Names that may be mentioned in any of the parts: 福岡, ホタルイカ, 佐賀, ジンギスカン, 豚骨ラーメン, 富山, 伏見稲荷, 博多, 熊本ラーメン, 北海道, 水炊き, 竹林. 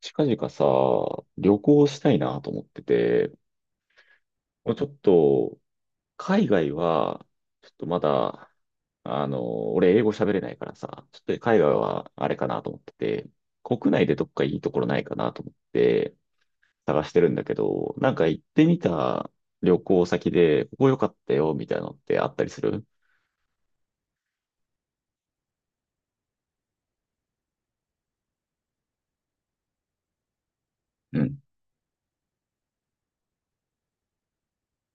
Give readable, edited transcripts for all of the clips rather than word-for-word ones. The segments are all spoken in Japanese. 近々さ、旅行したいなと思ってて、もうちょっと、海外は、ちょっとまだ、俺英語喋れないからさ、ちょっと海外はあれかなと思ってて、国内でどっかいいところないかなと思って探してるんだけど、なんか行ってみた旅行先で、ここ良かったよ、みたいなのってあったりする？うん。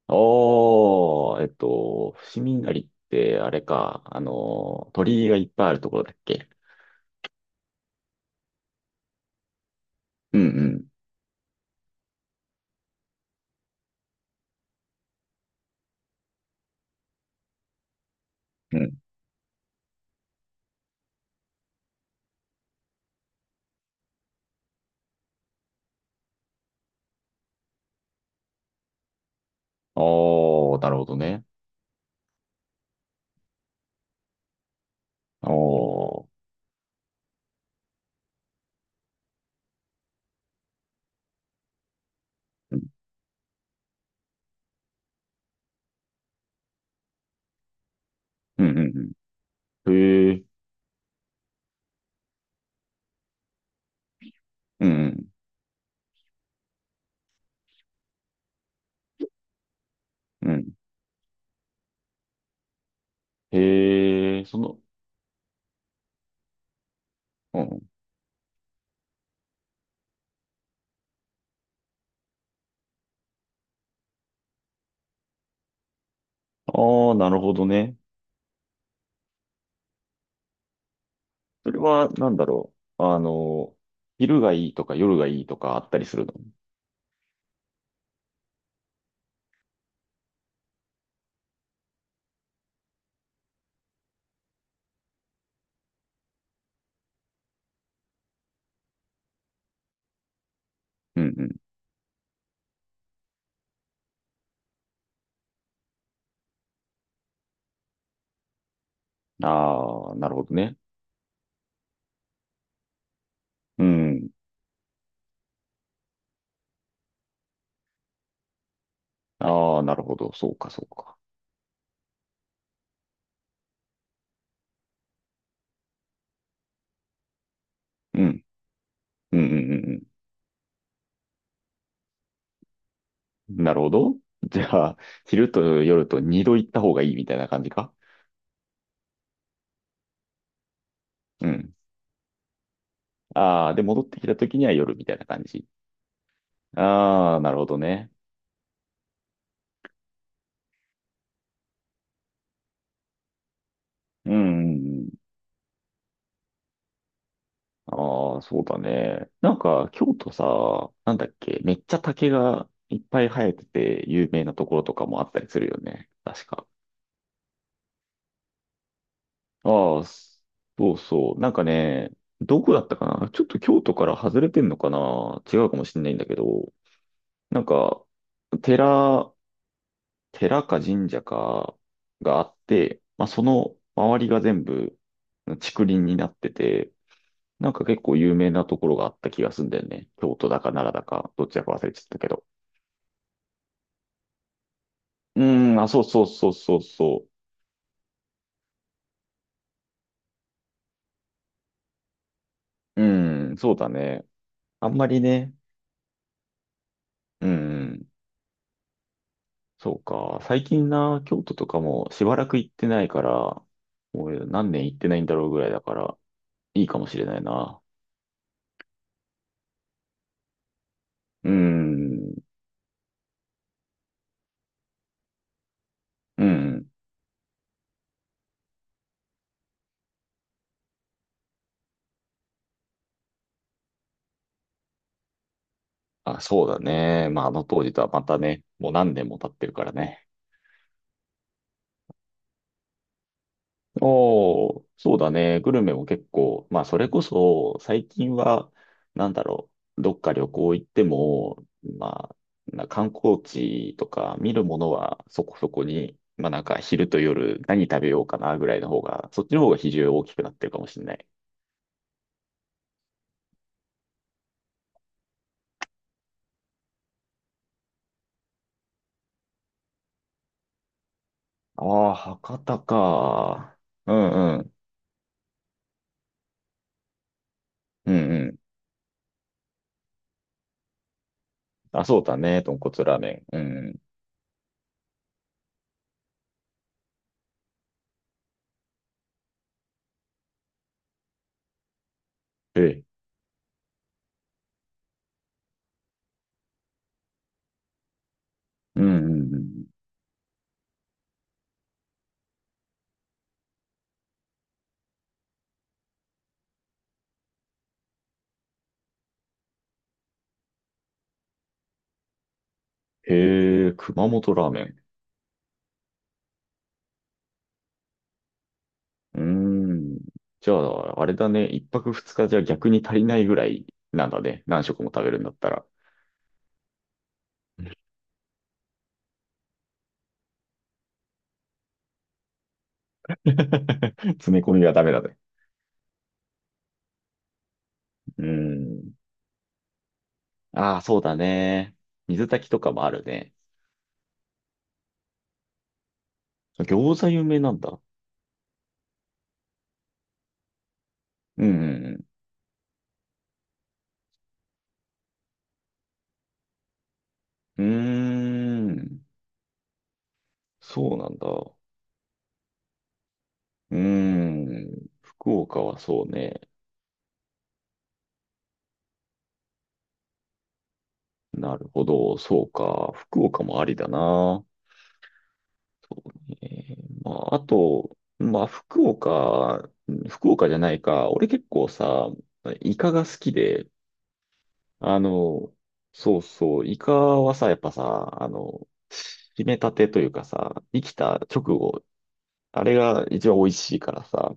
おー、伏見稲荷ってあれか、鳥居がいっぱいあるところだっけ？うんうん。おー、なるほどね。おー。うん、うん、うん。へえ、うん、うん。うんへえ、うん。ああ、なるほどね。それは、なんだろう。昼がいいとか夜がいいとかあったりするの？うんうん。ああ、なるほどね。うん。ああ、なるほど。そうか、そうか。うん。うんうんうんうん。なるほど。じゃあ、昼と夜と二度行った方がいいみたいな感じか？うん。ああ、で、戻ってきた時には夜みたいな感じ。ああ、なるほどね。うん、うんうん。ああ、そうだね。なんか、京都さ、なんだっけ、めっちゃ竹がいっぱい生えてて有名なところとかもあったりするよね。確か。ああ、そうそう。なんかね、どこだったかな、ちょっと京都から外れてんのかな、違うかもしれないんだけど、なんか、寺、寺か神社かがあって、まあ、その周りが全部竹林になってて、なんか結構有名なところがあった気がすんだよね。京都だか奈良だか、どっちだか忘れちゃったけど。うーん、あ、そうそうそうそうそう。うーん、そうだね。あんまりね。うーん、そうか。最近な、京都とかもしばらく行ってないから、もう何年行ってないんだろうぐらいだから、いいかもしれないな。うーん、うん。あ、そうだね。まあ、あの当時とはまたね、もう何年も経ってるからね。おー、そうだね。グルメも結構、まあ、それこそ、最近は、なんだろう、どっか旅行行っても、まあ、な観光地とか見るものはそこそこに、まあ、なんか昼と夜何食べようかなぐらいの方が、そっちの方が比重大きくなってるかもしれない。ああ、博多か。うんうん。うんうん。あ、そうだね。豚骨ラーメン。うんうん。ええ。うんうんうん。へえ、熊本ラーメン。うーん。じゃあ、あれだね。一泊二日じゃ逆に足りないぐらいなんだね。何食も食べるんだったら。詰め込みはダメだね。うーん。ああ、そうだね。水炊きとかもあるね。餃子有名なんだ。うん。うんうーん。そうなんだ。うーん。福岡はそうね。なるほど。そうか。福岡もありだな。えーまあ、あと、まあ、福岡、福岡じゃないか。俺結構さ、イカが好きで、あの、そうそう、イカはさ、やっぱさ、締めたてというかさ、生きた直後、あれが一番美味しいからさ、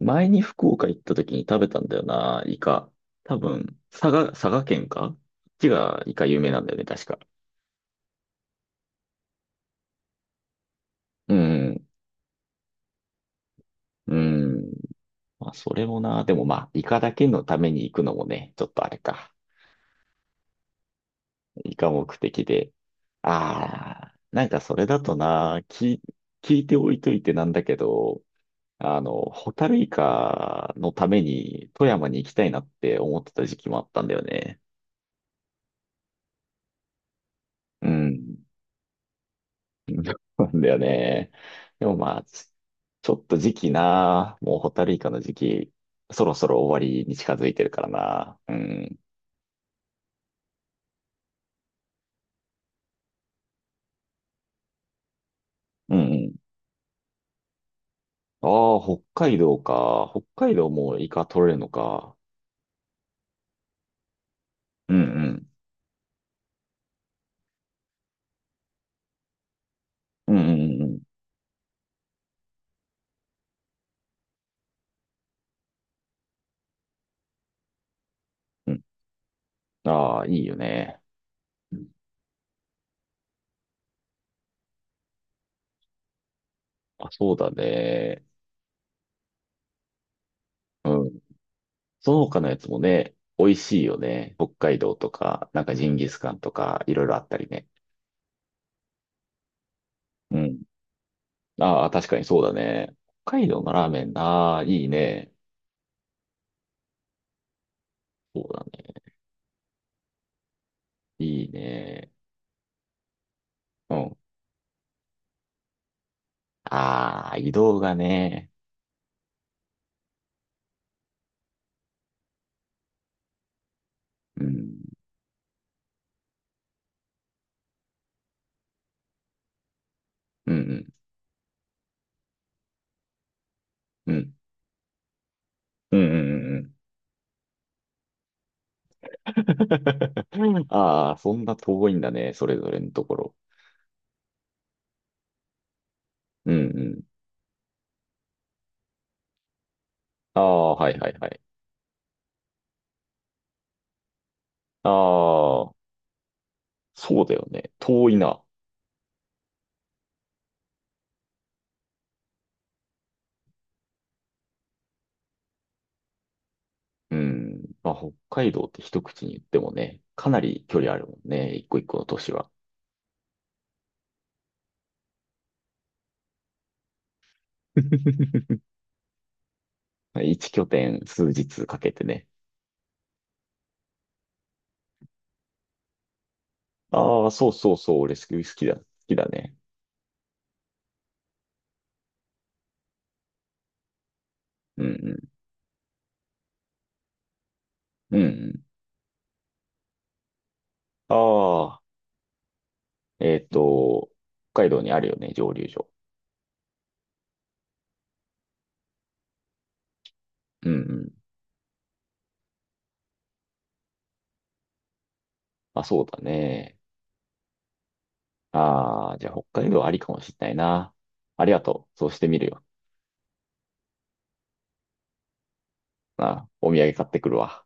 前に福岡行った時に食べたんだよな、イカ。多分、佐賀、佐賀県かこっちがイカ有名なんだよね、確か。うん、うん。まあ、それもな、でもまあ、イカだけのために行くのもね、ちょっとあれか。以下目的で。ああ、なんかそれだとな、聞いておいといてなんだけど、ホタルイカのために富山に行きたいなって思ってた時期もあったんだよね。うん。そうなんだよね。でもまあ、ちょっと時期な、もうホタルイカの時期、そろそろ終わりに近づいてるからな。うん。うんうん。ああ、北海道か。北海道もイカ取れるのか。うんうん。うんうんうんうん。ああ、いいよね。あ、そうだね。うん。その他のやつもね、美味しいよね。北海道とか、なんかジンギスカンとか、いろいろあったりね。うん。ああ、確かにそうだね。北海道のラーメン、ああ、いいね。そうだね。いいね。うん。ああ、移動がね。うん。うん、うん、うん。うん、うん、うん。うん ああ、そんな遠いんだね。それぞれのところ。うん、うん。ああ、はい、はい、はい。ああ、そうだよね。遠いな。うん。まあ、北海道って一口に言ってもね、かなり距離あるもんね。一個一個の都市は。一拠点数日かけてね。ああ、そうそうそう。俺スキー好きだ。好きだね。うんうん。うんうん。ああ、えっと、北海道にあるよね、蒸留所。うんうん。まあ、そうだね。ああ、じゃあ北海道ありかもしれないな。ありがとう。そうしてみるよ。まあ、お土産買ってくるわ。